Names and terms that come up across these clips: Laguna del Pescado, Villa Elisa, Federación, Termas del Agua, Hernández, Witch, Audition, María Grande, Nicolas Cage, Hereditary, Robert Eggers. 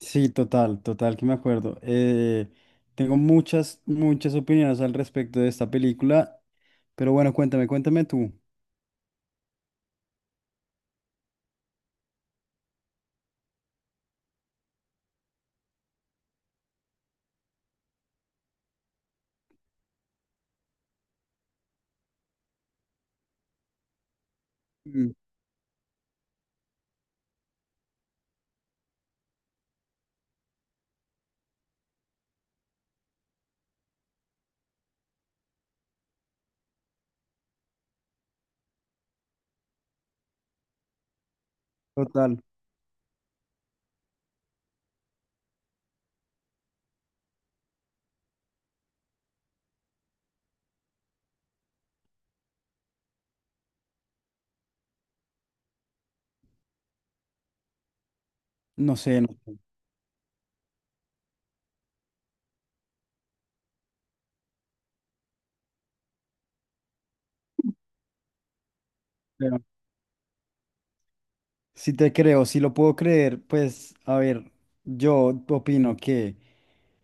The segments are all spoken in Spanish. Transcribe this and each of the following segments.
Sí, total, total, que me acuerdo. Tengo muchas, muchas opiniones al respecto de esta película, pero bueno, cuéntame, cuéntame tú. Mm, Total, no sé, no sé, pero si te creo, si lo puedo creer, pues, a ver, yo opino que,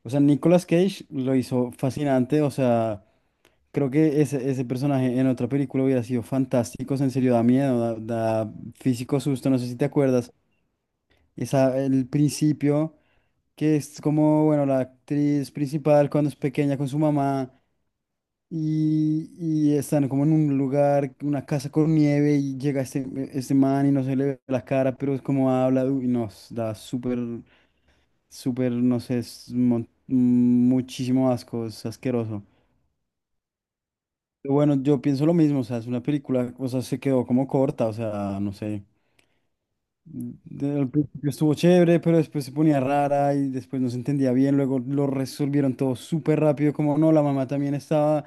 o sea, Nicolas Cage lo hizo fascinante, o sea, creo que ese personaje en otra película hubiera sido fantástico, o sea, en serio, da miedo, da, da físico susto, no sé si te acuerdas. Esa, el principio, que es como, bueno, la actriz principal cuando es pequeña con su mamá y están como en un lugar, una casa con nieve y llega este man y no se le ve la cara, pero es como habla uy, nos da súper, súper, no sé, es muchísimo asco, es asqueroso. Pero bueno, yo pienso lo mismo, o sea, es una película, o sea, se quedó como corta, o sea, no sé. Al principio estuvo chévere, pero después se ponía rara y después no se entendía bien. Luego lo resolvieron todo súper rápido, como no, la mamá también estaba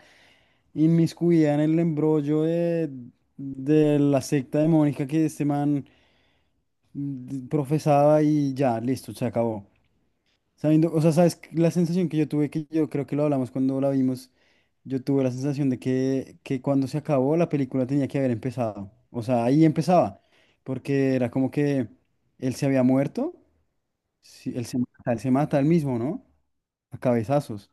inmiscuida en el embrollo de la secta demónica que este man profesaba y ya, listo, se acabó. Sabiendo, o sea, sabes, que la sensación que yo tuve, que yo creo que lo hablamos cuando la vimos, yo tuve la sensación de que cuando se acabó la película tenía que haber empezado. O sea, ahí empezaba, porque era como que él se había muerto, sí él se mata, él se mata él mismo, ¿no? A cabezazos.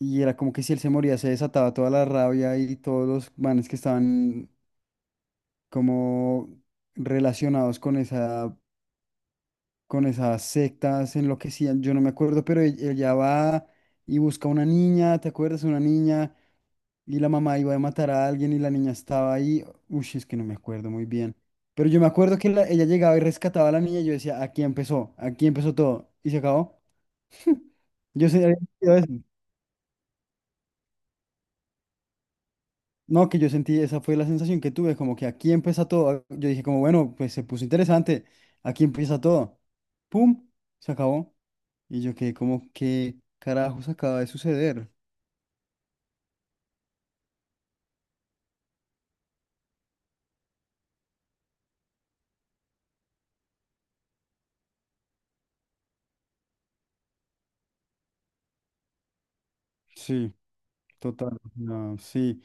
Y era como que si él se moría se desataba toda la rabia y todos los manes que estaban como relacionados con esa con esas sectas enloquecían, yo no me acuerdo, pero ella va y busca una niña, ¿te acuerdas? Una niña y la mamá iba a matar a alguien y la niña estaba ahí. Uy, es que no me acuerdo muy bien. Pero yo me acuerdo que ella llegaba y rescataba a la niña y yo decía, aquí empezó todo. Y se acabó. Yo sé, había entendido eso. No, que yo sentí, esa fue la sensación que tuve, como que aquí empieza todo. Yo dije como, bueno, pues se puso interesante, aquí empieza todo. ¡Pum! Se acabó. Y yo quedé como, ¿qué carajos acaba de suceder? Sí, total. No, sí.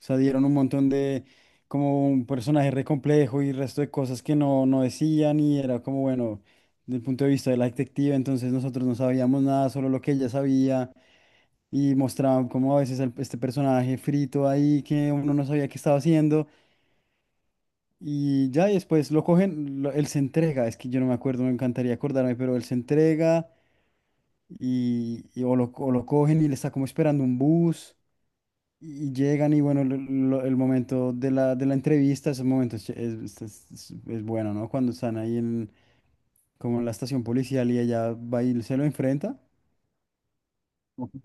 O sea, dieron un montón como un personaje re complejo y resto de cosas que no decían y era como, bueno, desde el punto de vista de la detective, entonces nosotros no sabíamos nada, solo lo que ella sabía. Y mostraban como a veces este personaje frito ahí que uno no sabía qué estaba haciendo y ya y después lo cogen, él se entrega, es que yo no me acuerdo, me encantaría acordarme, pero él se entrega y o lo cogen y le está como esperando un bus y llegan y bueno, el momento de la entrevista, esos momentos es bueno, ¿no? Cuando están ahí en, como en la estación policial y ella va y se lo enfrenta. Ujú.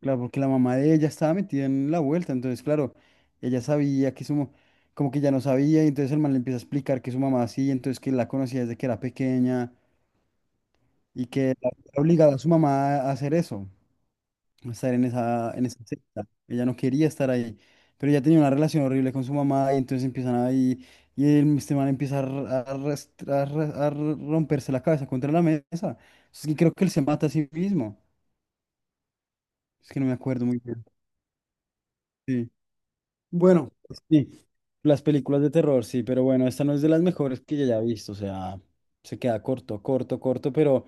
Claro, porque la mamá de ella estaba metida en la vuelta, entonces, claro, ella sabía que su, como que ya no sabía, y entonces el man le empieza a explicar que su mamá así, entonces que la conocía desde que era pequeña y que era obligada a su mamá a hacer eso, a estar en esa secta. Ella no quería estar ahí, pero ella tenía una relación horrible con su mamá y entonces empiezan ahí, y el, este man empieza a, romperse la cabeza contra la mesa. Es que creo que él se mata a sí mismo, es que no me acuerdo muy bien. Sí. Bueno, sí, las películas de terror, sí, pero bueno, esta no es de las mejores que yo haya visto, o sea, se queda corto, corto, corto, pero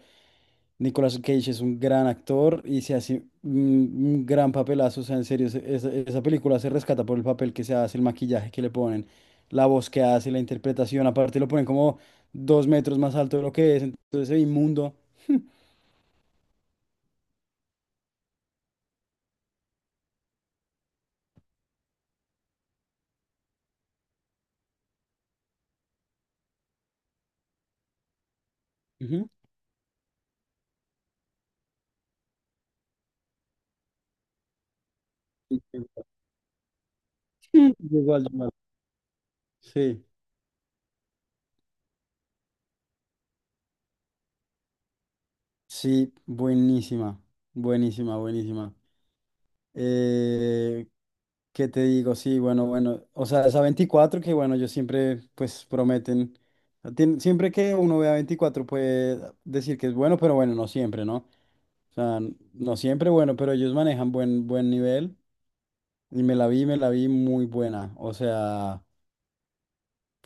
Nicolas Cage es un gran actor y se hace un gran papelazo, o sea, en serio, esa, esa película se rescata por el papel que se hace, el maquillaje que le ponen, la voz que hace, la interpretación, aparte lo ponen como 2 metros más alto de lo que es, entonces se ve inmundo. Ujú. Sí, sí. Igual, igual. Sí, sí, buenísima, buenísima, buenísima. Eh, ¿Qué te digo? Sí, bueno, bueno. O sea, esa 24 que, bueno, yo siempre, pues, prometen. Siempre que uno vea 24 puede decir que es bueno, pero bueno, no siempre, ¿no? O sea, no siempre bueno, pero ellos manejan buen, buen nivel. Y me la vi muy buena. O sea,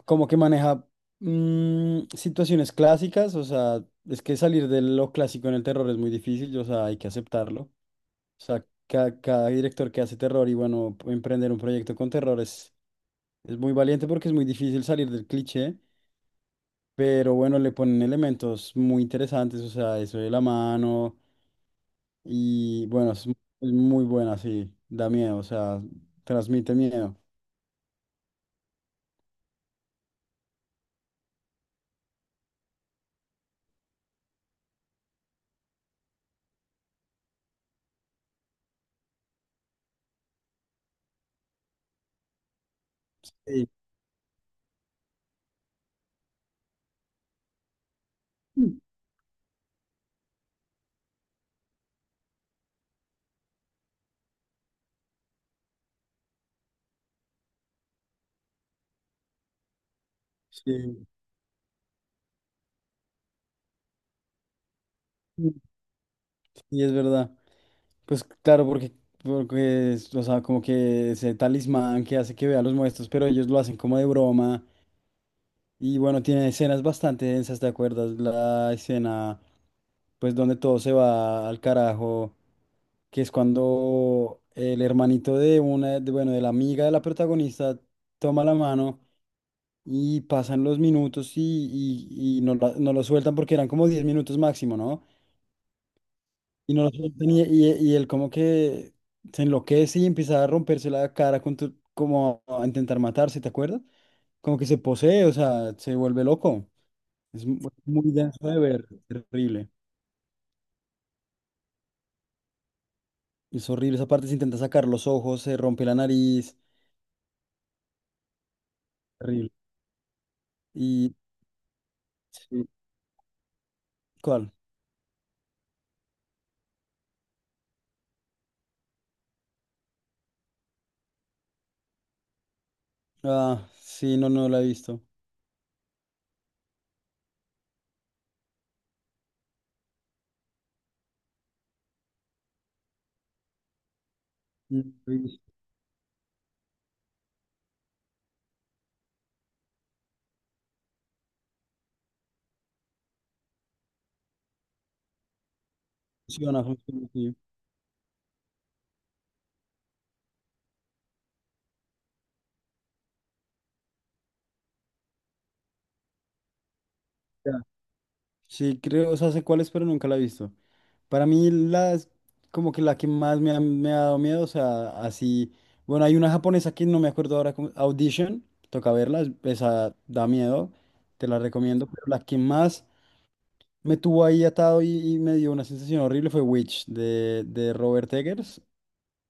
como que maneja situaciones clásicas. O sea, es que salir de lo clásico en el terror es muy difícil. O sea, hay que aceptarlo. O sea, cada, cada director que hace terror y bueno, emprender un proyecto con terror es muy valiente porque es muy difícil salir del cliché, pero bueno, le ponen elementos muy interesantes, o sea, eso de la mano y bueno, es muy buena, sí, da miedo, o sea, transmite miedo. Sí, sí, sí, es verdad. Pues claro, porque es, o sea, como que ese talismán que hace que vea los muertos, pero ellos lo hacen como de broma. Y bueno, tiene escenas bastante densas, ¿te acuerdas? La escena, pues donde todo se va al carajo, que es cuando el hermanito bueno, de la amiga de la protagonista toma la mano y pasan los minutos y no, no lo sueltan porque eran como 10 minutos máximo, ¿no? Y no lo sueltan y y él como que se enloquece y empieza a romperse la cara como a intentar matarse, ¿te acuerdas? Como que se posee, o sea, se vuelve loco. Es mu- Muy denso de ver, terrible. Es horrible. Esa parte se intenta sacar los ojos, se rompe la nariz. Terrible. Y sí, ¿cuál? Ah, sí, no, no la he visto. Mm, funciona, funciona, sí. Ya. Sí, creo, o sea, sé cuál es, pero nunca la he visto. Para mí, las, como que la que más me ha dado miedo, o sea, así. Bueno, hay una japonesa que no me acuerdo ahora, Audition, toca verla, esa da miedo, te la recomiendo, pero la que más me tuvo ahí atado y me dio una sensación horrible fue Witch de Robert Eggers.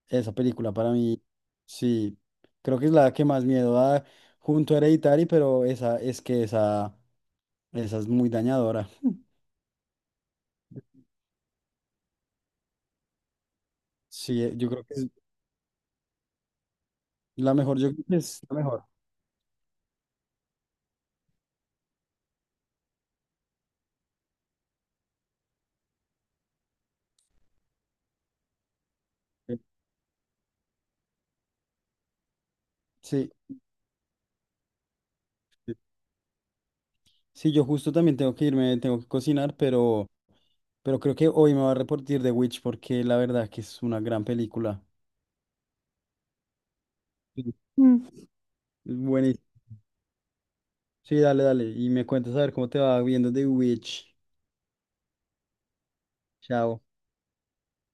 Esa película para mí, sí, creo que es la que más miedo da junto a Hereditary, pero esa es que esa es muy dañadora. Sí, yo creo que es la mejor, yo creo que es la mejor. Eh, Sí, sí, sí, yo justo también tengo que irme, tengo que cocinar, pero creo que hoy me va a reportar de Witch porque la verdad que es una gran película. Sí. Mm. Buenísimo. Sí, dale, dale. Y me cuentas a ver cómo te va viendo The Witch. Chao.